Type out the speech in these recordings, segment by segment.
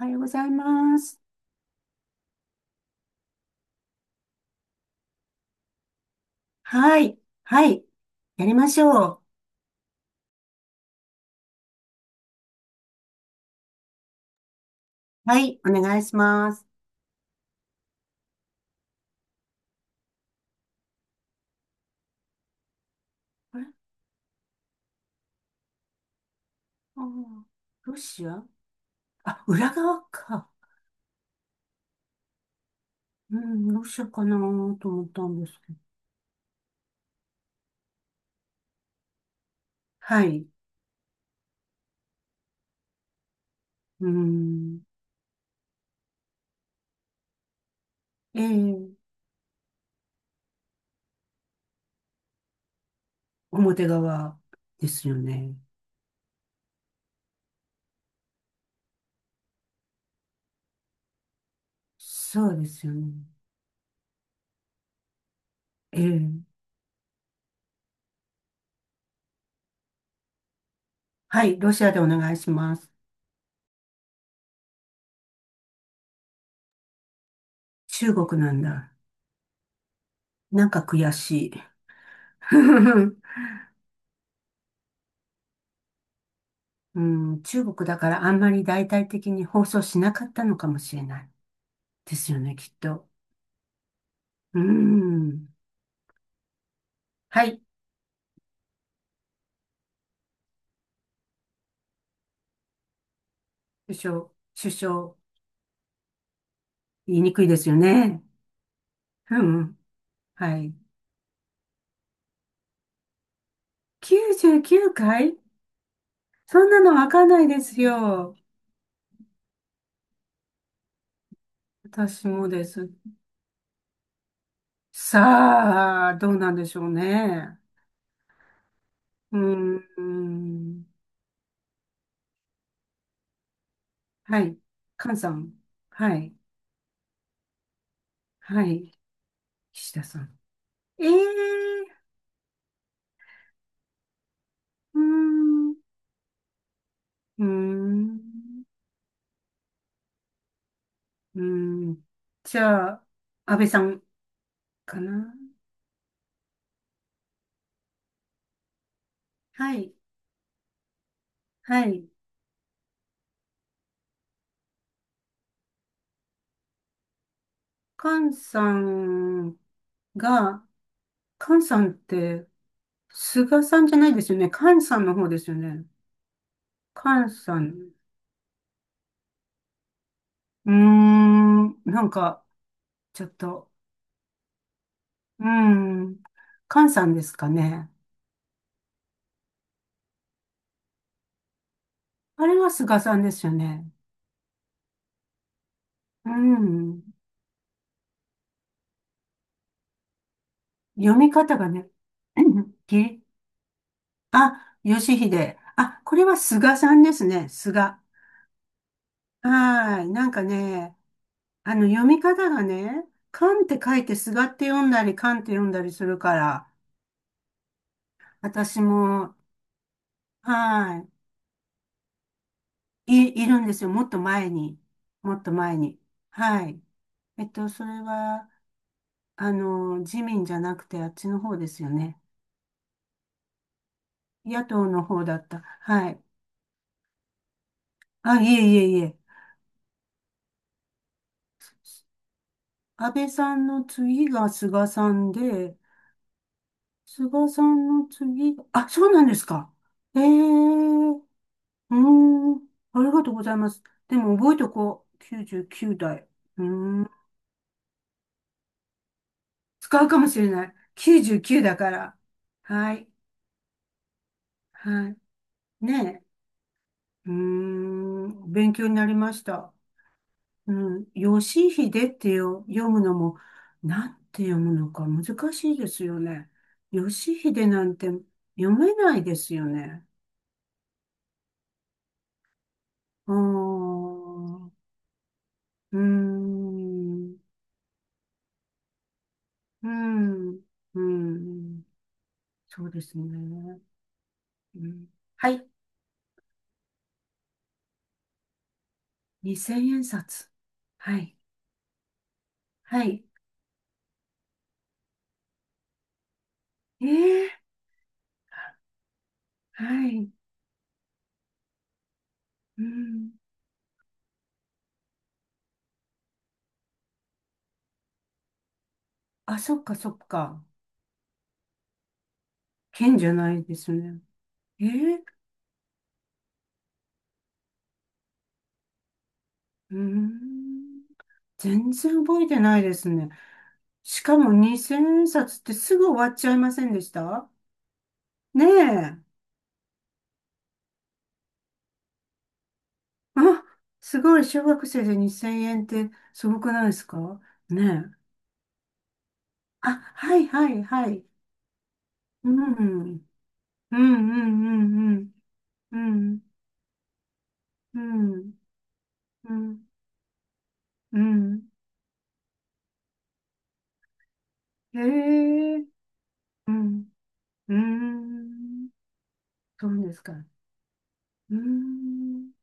おはようございます。はい。はい。やりましょう。はい。お願いします。あれ、あー、ロシア、あ、裏側か。うん、ロシアかなと思ったんですけど。はい。うん。ええ、表側ですよね。そうですよね。ええ。はい。ロシアでお願いします。中国なんだ。なんか悔しい。うん、中国だからあんまり大々的に放送しなかったのかもしれない。ですよね、きっと。うーん。はい。首相、首相、言いにくいですよね。うん。はい。99回？そんなのわかんないですよ。私もです。さあ、どうなんでしょうね。うーん。はい。菅さん。はい。はい。岸田さん。ええ。うーん。うーん。うーん。じゃあ、安倍さんかな。はい。はい。菅さんが、菅さんって、菅さんじゃないですよね。菅さんの方ですよね。菅さん。なんか、ちょっと、うーん、菅さんですかね。あれは菅さんですよね。うん。読み方がね、ぎ、あ、義秀。あ、これは菅さんですね。菅。はーい。なんかね、読み方がね、缶って書いてすがって読んだり、缶って読んだりするから、私も、はい、いるんですよ。もっと前に。もっと前に。はい。それは、自民じゃなくて、あっちの方ですよね。野党の方だった。はい。あ、いえいえいえ。安倍さんの次が菅さんで、菅さんの次が、あ、そうなんですか。ええ。うーん。ありがとうございます。でも覚えとこう。99代。うーん。使うかもしれない。99だから。はい。はい。ねえ。うーん。勉強になりました。うん。吉秀って読むのも、なんて読むのか難しいですよね。吉秀なんて読めないですよね。うーん。うーん。うん。うん。そうですね。うん、はい。2000円札。はい。はい。ええ。はい。うん。あ、そっかそっか。剣じゃないですね。ええ。うん。全然覚えてないですね。しかも2000円札ってすぐ終わっちゃいませんでした？ねえ。あ、すごい。小学生で2000円ってすごくないですか？ねえ。あ、はいはいはい。うん。うんうんうんうん。うん。うん。うん。うん。へえ。うん。うーん。そうですか。うーん。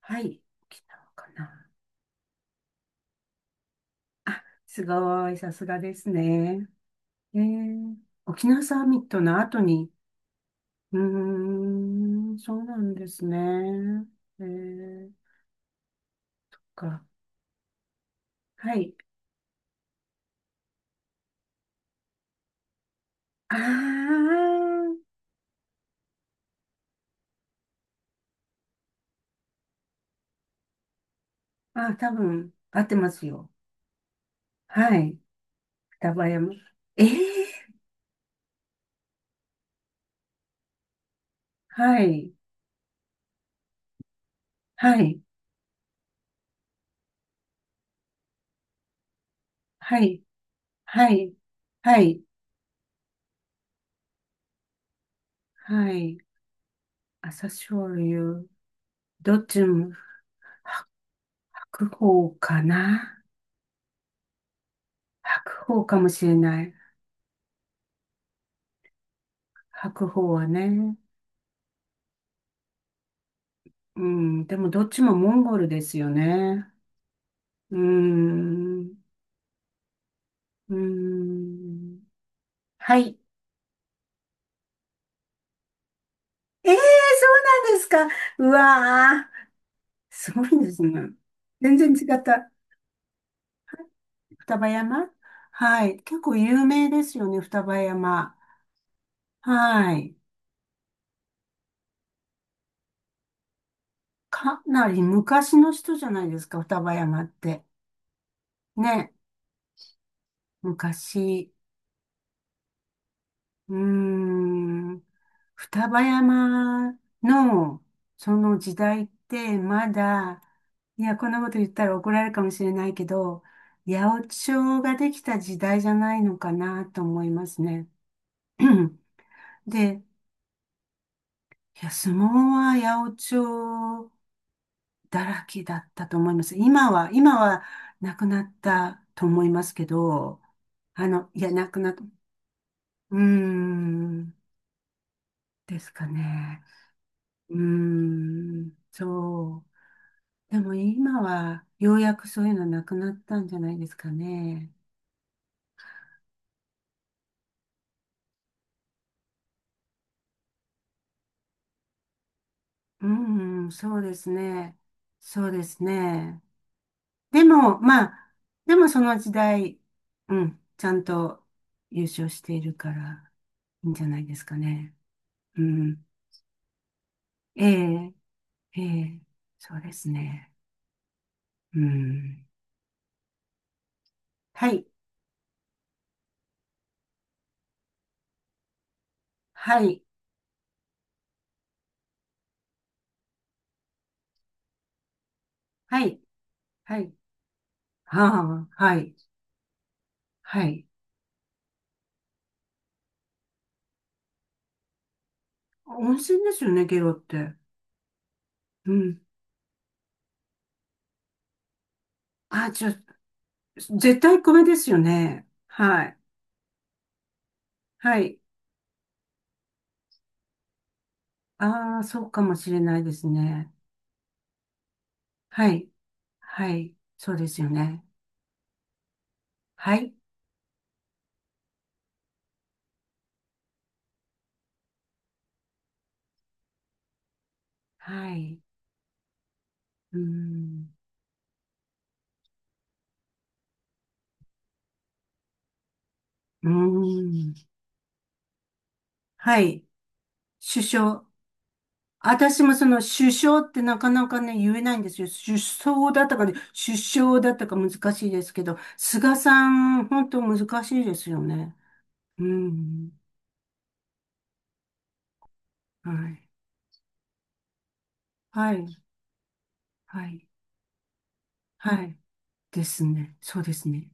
はい。かな。あ、すごい。さすがですね。えー、沖縄サミットの後に、そうなんですね。えー、か。はい。あー、あ、多分、合ってますよ。はい。双葉山。えー、はい。はい。はい。はい。はい。はいはい。朝青龍。どっちも。白鵬かな。白鵬かもしれない。白鵬はね。うん。でもどっちもモンゴルですよね。うーん。うーん。はい。ええー、そうなんですか。うわー。すごいですね。全然違った。双葉山。はい。結構有名ですよね、双葉山。はい。かなり昔の人じゃないですか、双葉山って。ね。昔、うーん、双葉山のその時代ってまだ、いや、こんなこと言ったら怒られるかもしれないけど、八百長ができた時代じゃないのかなと思いますね。で、いや、相撲は八百長だらけだったと思います。今はなくなったと思いますけど、いや、なくなっ、うーん、ですかね。うーん、そう。でも今はようやくそういうのなくなったんじゃないですかね。うん、そうですね。そうですね。でも、まあ、でもその時代、うん、ちゃんと優勝しているからいいんじゃないですかね。うん。ええ、ええ、そうですね。うん。はい、はい、はい、はい。はあ、はい、はい。温泉ですよね、ゲロって。うん。あ、じゃあ、絶対米ですよね。はい。はい。ああ、そうかもしれないですね。はい。はい。そうですよね。はい。はい。うーん。うーん。はい。首相。私もその首相ってなかなかね、言えないんですよ。首相だったかね、首相だったか難しいですけど、菅さん、本当難しいですよね。うん。はい。はい。はい。はい。ですね。そうですね。